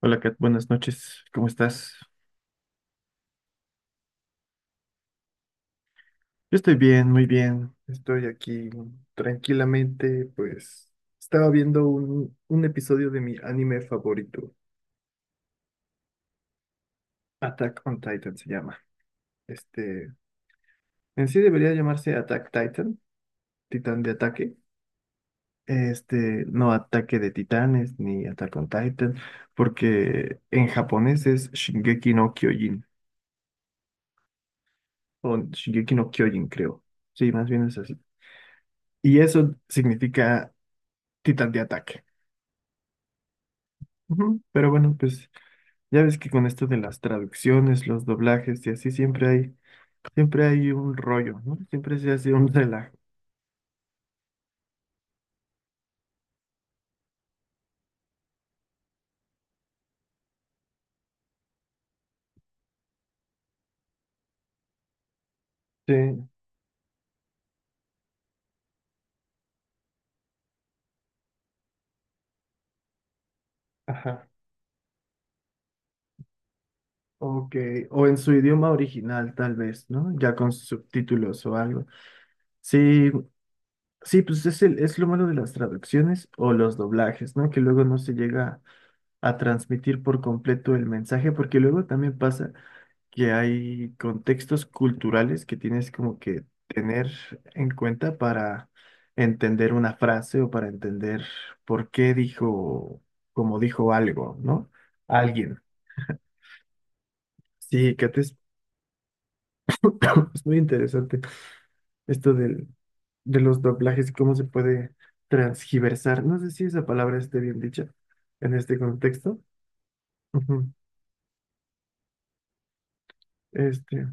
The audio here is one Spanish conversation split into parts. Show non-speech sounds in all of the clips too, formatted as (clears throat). Hola Kat, buenas noches, ¿cómo estás? Yo estoy bien, muy bien, estoy aquí tranquilamente, pues estaba viendo un episodio de mi anime favorito, Attack on Titan se llama. Este, en sí debería llamarse Attack Titan, Titán de ataque, no ataque de titanes ni Attack on Titan, porque en japonés es Shingeki no Kyojin, o Shingeki no Kyojin creo, sí, más bien es así. Y eso significa Titán de ataque. Ujú. Pero bueno, pues ya ves que con esto de las traducciones, los doblajes y así siempre hay un rollo, ¿no? Siempre se hace un relajo. Sí, ajá. Ok, o en su idioma original tal vez, ¿no? Ya con subtítulos o algo. Sí, sí, pues es lo malo de las traducciones o los doblajes, ¿no? Que luego no se llega a transmitir por completo el mensaje, porque luego también pasa que hay contextos culturales que tienes como que tener en cuenta para entender una frase o para entender por qué dijo, como dijo algo, ¿no? Alguien. Sí, (laughs) (clears throat) es muy interesante esto del, de los doblajes y cómo se puede transgiversar. No sé si esa palabra esté bien dicha en este contexto. Ujú. Este,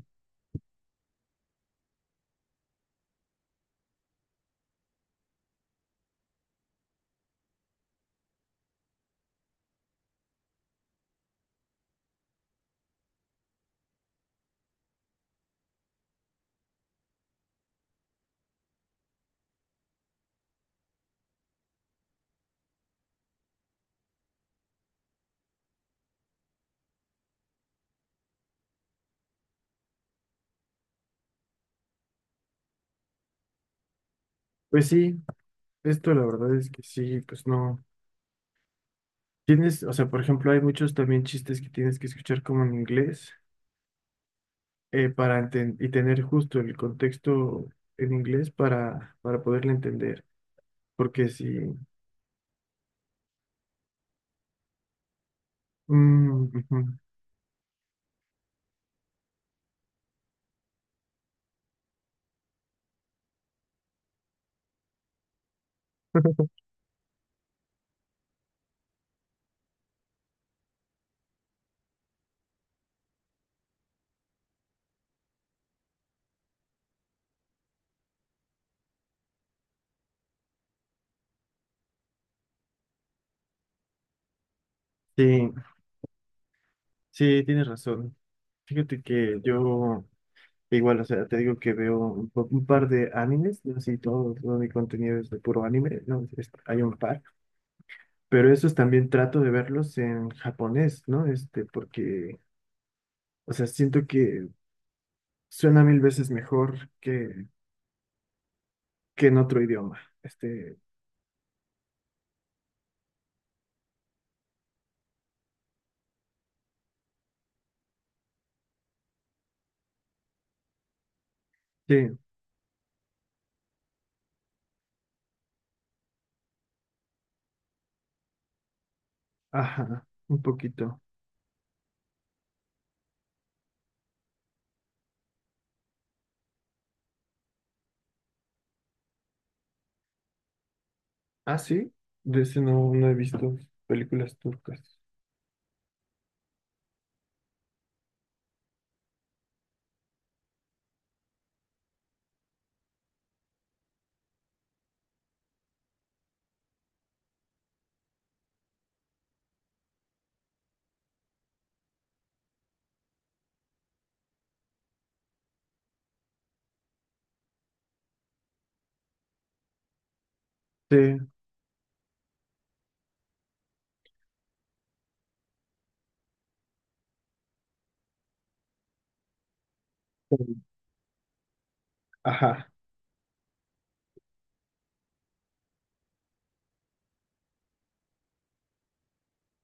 pues sí, esto la verdad es que sí, pues no. Tienes, o sea, por ejemplo, hay muchos también chistes que tienes que escuchar como en inglés para y tener justo el contexto en inglés para poderle entender. Porque si... mm, ujú. (laughs) Sí, sí, tienes razón. Fíjate que yo, igual, o sea, te digo que veo un par de animes, no así todo, todo mi contenido es de puro anime, ¿no? Hay un par, pero esos también trato de verlos en japonés, ¿no? Porque, o sea, siento que suena mil veces mejor que en otro idioma. Este, sí, ajá, un poquito. Ah, sí, de ese no, no he visto películas turcas. Sí, sí, ajá.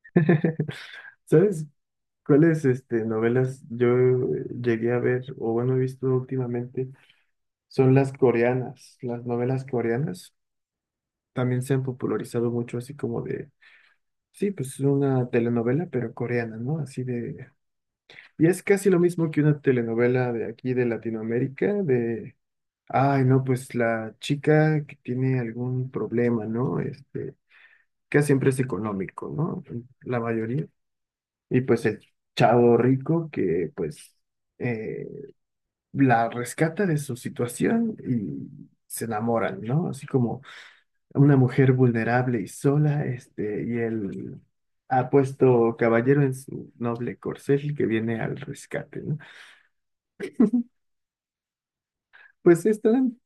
(laughs) ¿Sabes cuáles este, novelas yo llegué a ver o bueno he visto últimamente? Son las coreanas, las novelas coreanas. También se han popularizado mucho sí, pues es una telenovela, pero coreana, ¿no? Así de y es casi lo mismo que una telenovela de aquí de Latinoamérica, de, ay, no, pues la chica que tiene algún problema, ¿no? Este, que siempre es económico, ¿no? La mayoría. Y pues el chavo rico que pues eh, la rescata de su situación y se enamoran, ¿no? Así como una mujer vulnerable y sola, este, y el apuesto caballero en su noble corcel que viene al rescate, ¿no? Pues están.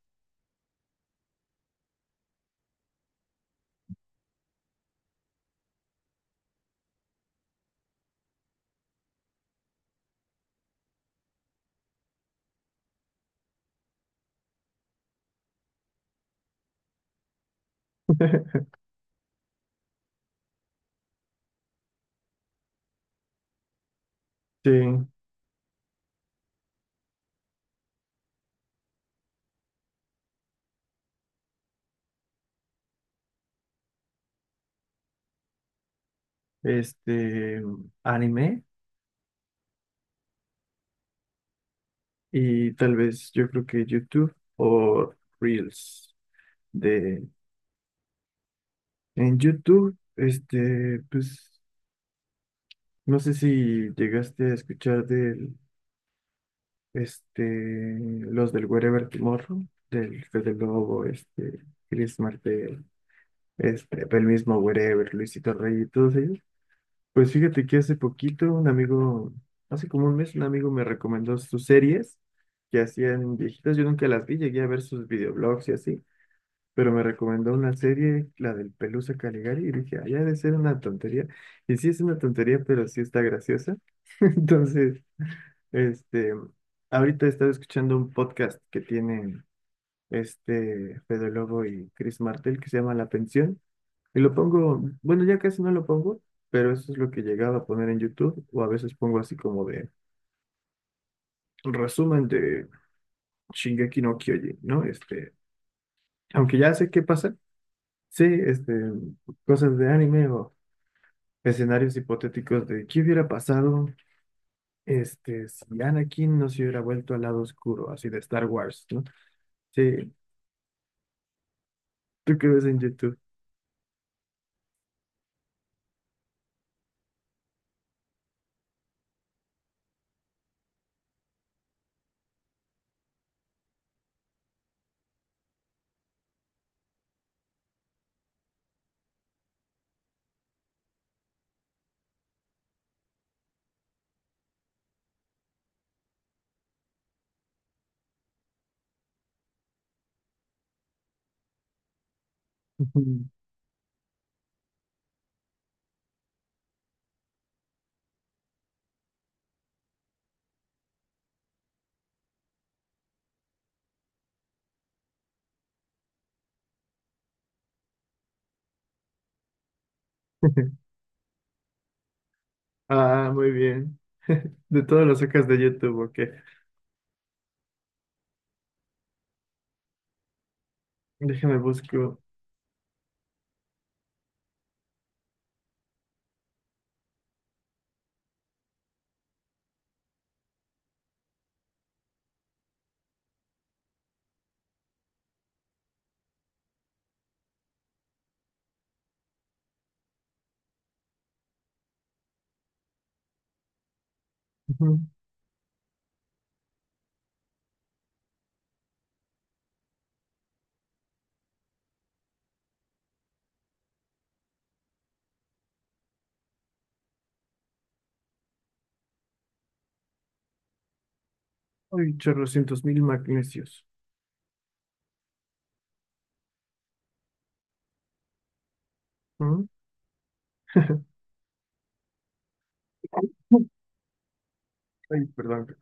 Sí, este, anime y tal vez yo creo que YouTube o Reels de en YouTube, este, pues no sé si llegaste a escuchar del este los del Wherever Tomorrow, del Fede Lobo, este, Chris Martel, este, el mismo Wherever, Luisito Rey y todos ellos. Pues fíjate que hace como un mes, un amigo me recomendó sus series que hacían viejitas. Yo nunca las vi, llegué a ver sus videoblogs y así, pero me recomendó una serie, la del Pelusa Caligari, y dije, ah, ya debe ser una tontería. Y sí es una tontería, pero sí está graciosa. (laughs) Entonces, este, ahorita he estado escuchando un podcast que tienen este Fede Lobo y Chris Martel que se llama La Pensión. Y lo pongo, bueno, ya casi no lo pongo, pero eso es lo que llegaba a poner en YouTube, o a veces pongo así como de resumen de Shingeki no Kyojin, ¿no? Este, aunque ya sé qué pasa, sí, este, cosas de anime o escenarios hipotéticos de qué hubiera pasado, este, si Anakin no se hubiera vuelto al lado oscuro, así de Star Wars, ¿no? Sí, tú qué ves en YouTube. (laughs) Ah, muy bien. (laughs) De todo lo sacas de YouTube, ok. Déjame busco. (laughs) Hay chorrocientos mil magnesios. Ujú. Ay, perdón.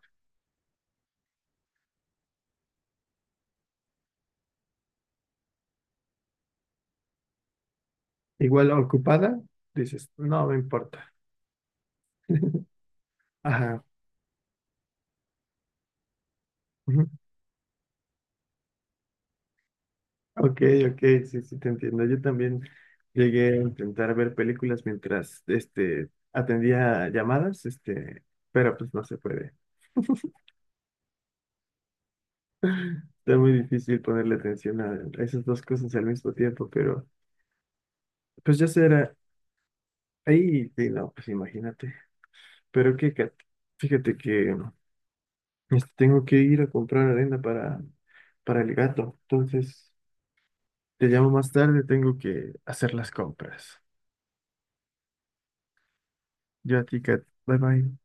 Igual ocupada, dices, no me importa. Ajá. Ujú. Ok, ok, sí, sí, te entiendo. Yo también llegué a intentar ver películas mientras, este, atendía llamadas, este, pero pues no se puede. Está muy difícil ponerle atención a esas dos cosas al mismo tiempo, pero pues ya será. Ahí, sí, no, pues imagínate. Pero qué, Kat, fíjate que tengo que ir a comprar arena para el gato. Entonces, te llamo más tarde, tengo que hacer las compras. Yo a ti, Kat. Bye bye.